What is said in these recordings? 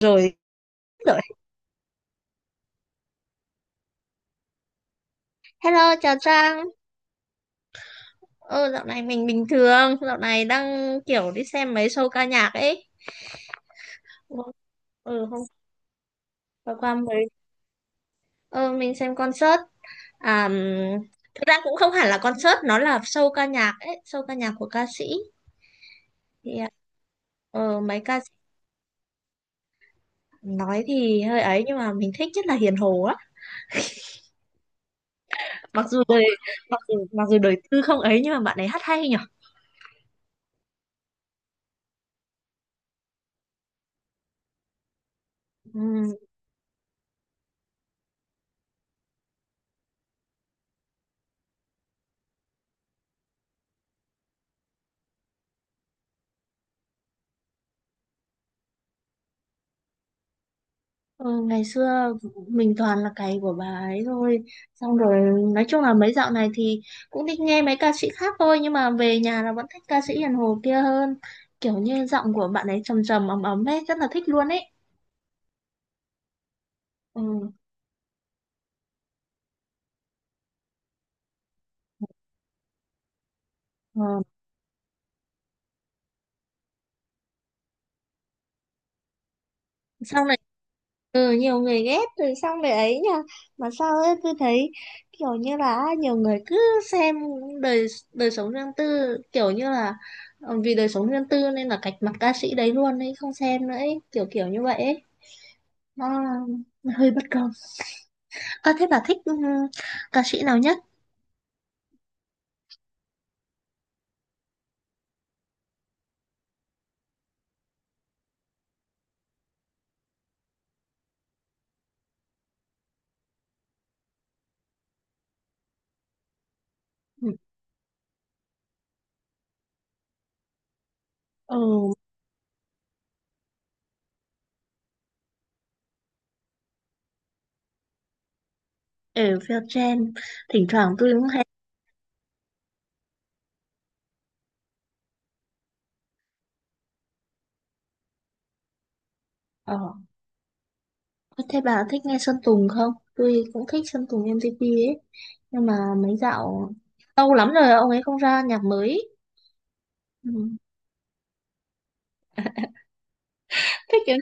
Rồi. Rồi. Hello, chào Trang. Ờ Dạo này mình bình thường, dạo này đang kiểu đi xem mấy show ca nhạc ấy. Ừ, hôm vừa qua mới ờ mình xem concert. À, thực ra cũng không hẳn là concert, nó là show ca nhạc ấy, show ca nhạc của ca sĩ. Thì à, ờ Mấy ca sĩ nói thì hơi ấy nhưng mà mình thích nhất là Hiền Hồ á. mặc dù đời Mặc dù đời tư không ấy nhưng mà bạn ấy hát hay nhỉ. Ừ, ngày xưa mình toàn là cày của bà ấy thôi, xong rồi nói chung là mấy dạo này thì cũng thích nghe mấy ca sĩ khác thôi nhưng mà về nhà là vẫn thích ca sĩ Hiền Hồ kia hơn, kiểu như giọng của bạn ấy trầm trầm ấm ấm ấy, rất là thích luôn ấy. Ừ. Ờ, xong rồi, ừ, nhiều người ghét rồi xong về ấy nha. Mà sao ấy cứ thấy kiểu như là nhiều người cứ xem đời, sống riêng tư, kiểu như là ừ, vì đời sống riêng tư nên là cạch mặt ca sĩ đấy luôn ấy, không xem nữa ấy, kiểu kiểu như vậy ấy. Nó hơi bất công. À, thế bà thích, ca sĩ nào nhất? Ừ. Ừ, ở Vietgen, thỉnh thoảng tôi cũng hay... Ờ. Thế bà thích nghe Sơn Tùng không? Tôi cũng thích Sơn Tùng MTP ấy. Nhưng mà mấy dạo... Lâu lắm rồi ông ấy không ra nhạc mới. Ừ. Thích cái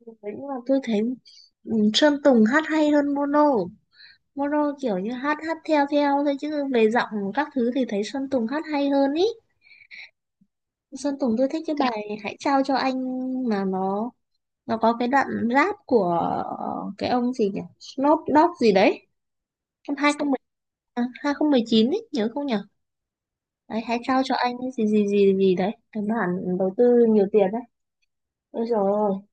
kiểu đấy, nhưng mà tôi thấy, ừ, Sơn Tùng hát hay hơn Mono. Mono kiểu như hát hát theo theo thôi chứ về giọng các thứ thì thấy Sơn Tùng hát hay hơn ý. Sơn Tùng tôi thích cái bài Hãy trao cho anh, mà nó có cái đoạn rap của, cái ông gì nhỉ, Snoop Dogg gì đấy, năm 2010, à, 2019 ấy nhớ không nhỉ. Đấy, hãy trao cho anh ấy gì gì gì gì đấy, cái bản đầu tư nhiều tiền đấy. Ôi trời ơi.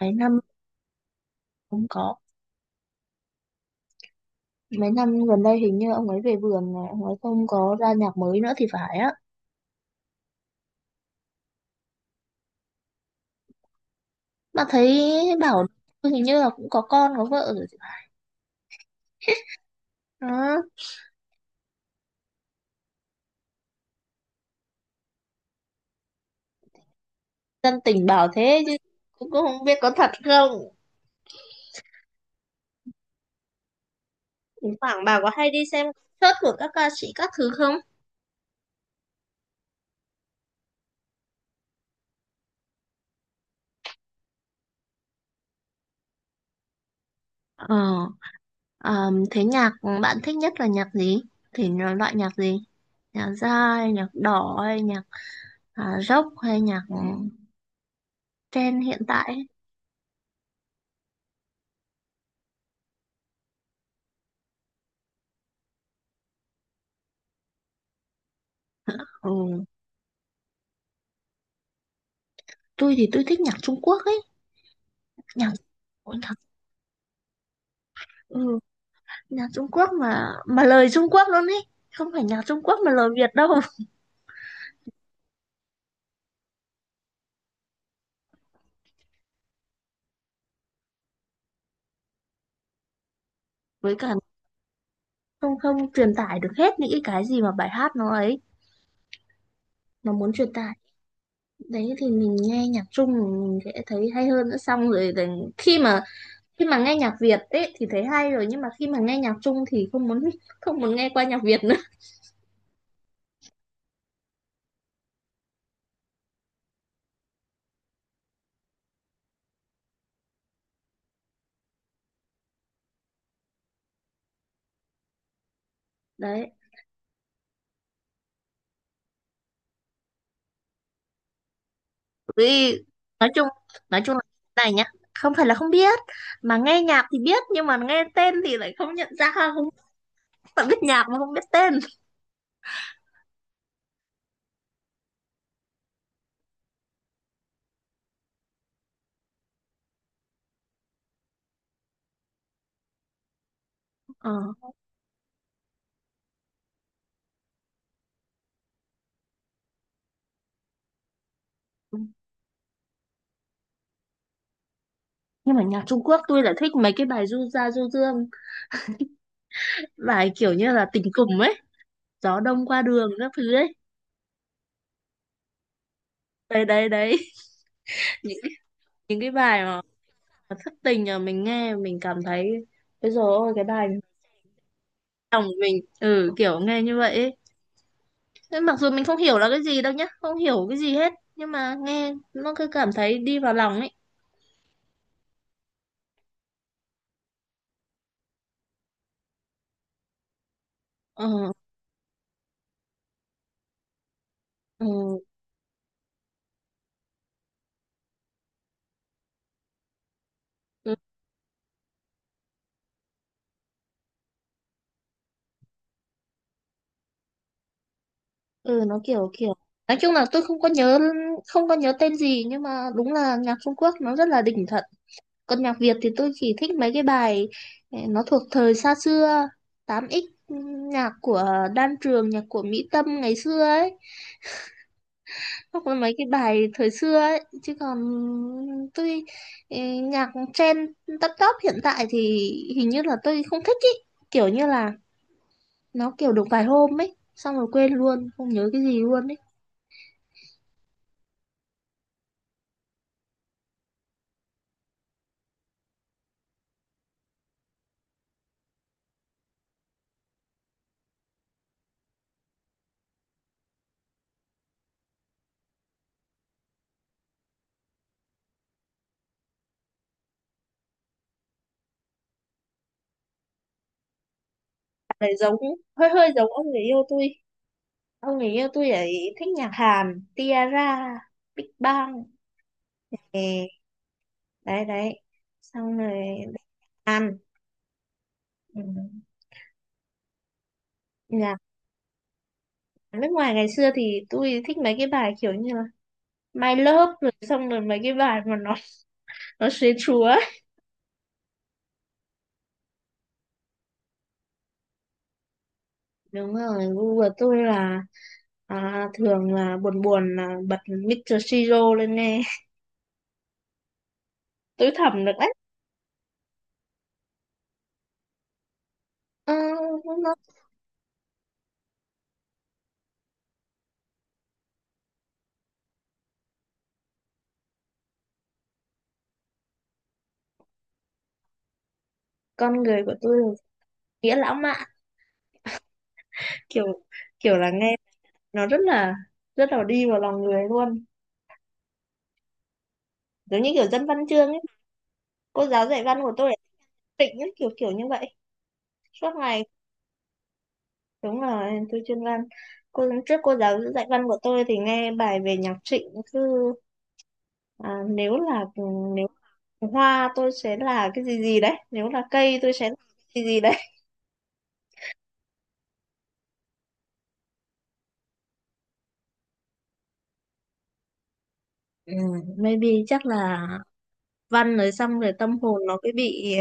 Mấy năm không có Mấy năm gần đây hình như ông ấy về vườn này, ông ấy không có ra nhạc mới nữa thì phải á. Mà thấy bảo hình như là cũng có con có vợ rồi thì phải. Đó. Dân tình bảo thế chứ cũng cũng không biết có thật không. Thỉnh thoảng bà có hay đi xem concert của các ca sĩ các thứ không? Ờ, ờ, thế nhạc bạn thích nhất là nhạc gì? Thì nó loại nhạc gì? Nhạc jazz, hay nhạc đỏ, hay nhạc, rock, hay nhạc, trend hiện tại ấy? Ừ, tôi thì tôi thích nhạc Trung Quốc ấy. Nhạc, Ôi, ừ, nhạc Trung Quốc mà lời Trung Quốc luôn ấy. Không phải nhạc Trung Quốc mà lời Việt đâu. Với cả không không truyền tải được hết những cái gì mà bài hát nó ấy, nó muốn truyền tải. Đấy thì mình nghe nhạc Trung mình sẽ thấy hay hơn nữa. Xong rồi thì khi mà khi mà nghe nhạc Việt ấy thì thấy hay rồi nhưng mà khi mà nghe nhạc Trung thì không muốn không muốn nghe qua nhạc Việt nữa. Đấy, vì nói chung nói chung là thế này nhá, không phải là không biết mà nghe nhạc thì biết nhưng mà nghe tên thì lại không nhận ra, không phải biết nhạc mà không biết tên. Ờ. Nhưng mà nhạc Trung Quốc tôi lại thích mấy cái bài du gia du dương, bài kiểu như là tình cùng ấy, gió đông qua đường các thứ ấy. Đấy đấy đấy. những những cái bài mà thất tình mà mình nghe mình cảm thấy, bây giờ ôi cái bài lòng mình, ừ kiểu nghe như vậy ấy. Thế mặc dù mình không hiểu là cái gì đâu nhá, không hiểu cái gì hết nhưng mà nghe nó cứ cảm thấy đi vào lòng ấy. Ờ. Ừ, ừ, ừ, nó kiểu kiểu, nói chung là tôi không có nhớ, tên gì nhưng mà đúng là nhạc Trung Quốc nó rất là đỉnh thật. Còn nhạc Việt thì tôi chỉ thích mấy cái bài, nó thuộc thời xa xưa, 8x, nhạc của Đan Trường, nhạc của Mỹ Tâm ngày xưa ấy. Hoặc là mấy cái bài thời xưa ấy chứ còn tôi, ừ, nhạc trend, top top hiện tại thì hình như là tôi không thích ý, kiểu như là nó kiểu được vài hôm ấy xong rồi quên luôn không nhớ cái gì luôn ấy. Bạn ấy giống, hơi hơi giống ông người yêu tôi, ông người yêu tôi ấy thích nhạc Hàn, Tiara, Big Bang. Ừ, đấy đấy, xong rồi Hàn, ừ. Nhạc nước ngoài ngày xưa thì tôi thích mấy cái bài kiểu như là My Love, rồi xong rồi mấy cái bài mà nó sến chúa. Đúng rồi, gu của tôi là, thường là buồn buồn là bật Mr. Siro lên nghe. Tôi thầm được đấy. Ờ, nó, con người của tôi nghĩa lãng mạn, kiểu, kiểu là nghe nó rất là đi vào lòng người luôn, giống như kiểu dân văn chương ấy. Cô giáo dạy văn của tôi là tịnh ấy, kiểu kiểu như vậy, suốt ngày. Đúng là tôi chuyên văn, cô trước cô giáo dạy văn của tôi thì nghe bài về nhạc Trịnh, cứ, à, nếu là nếu hoa tôi sẽ là cái gì gì đấy, nếu là cây tôi sẽ là cái gì gì đấy. Ừ, maybe chắc là văn rồi, xong rồi tâm hồn nó cứ bị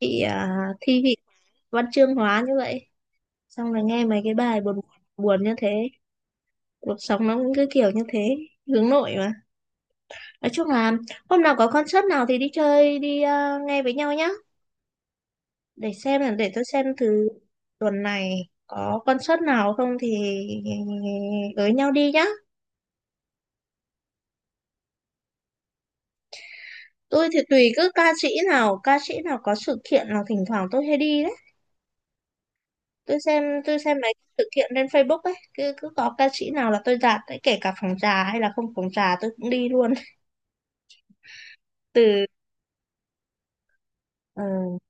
thi vị văn chương hóa như vậy, xong rồi nghe mấy cái bài buồn buồn như thế, cuộc sống nó cũng cứ kiểu như thế, hướng nội mà. Nói chung là hôm nào có concert nào thì đi chơi đi, nghe với nhau nhá, để xem là, để tôi xem thử tuần này có concert nào không thì với nhau đi nhá. Tôi thì tùy, cứ ca sĩ nào có sự kiện là thỉnh thoảng tôi hay đi đấy. Tôi xem mấy sự kiện trên Facebook ấy, cứ cứ có ca sĩ nào là tôi dạt, đấy, kể cả phòng trà hay là không phòng trà tôi cũng đi luôn. Từ ờ,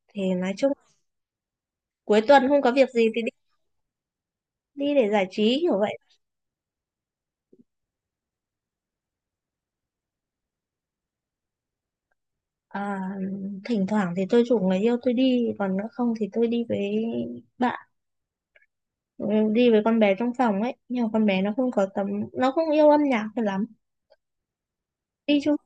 thì nói chung cuối tuần không có việc gì thì đi đi để giải trí kiểu vậy. À, thỉnh thoảng thì tôi rủ người yêu tôi đi, còn nữa không thì tôi đi với bạn, ừ, đi với con bé trong phòng ấy. Nhưng mà con bé nó không có tấm, nó không yêu âm nhạc cho lắm. Đi chung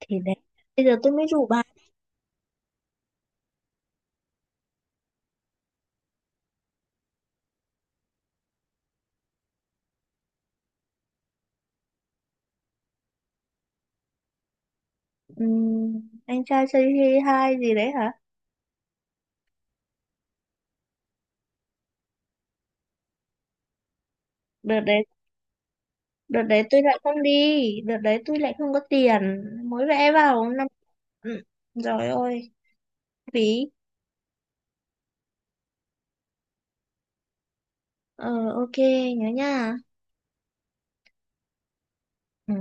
thì đấy. Bây giờ tôi mới rủ. Anh Trai Say Hi 2 gì đấy hả? Đợt đấy, Đợt đấy tôi lại không đi, đợt đấy tôi lại không có tiền. Mới vẽ vào năm. Ừ. Rồi, ôi, phí. Ờ, ok, nhớ nha. Ừ.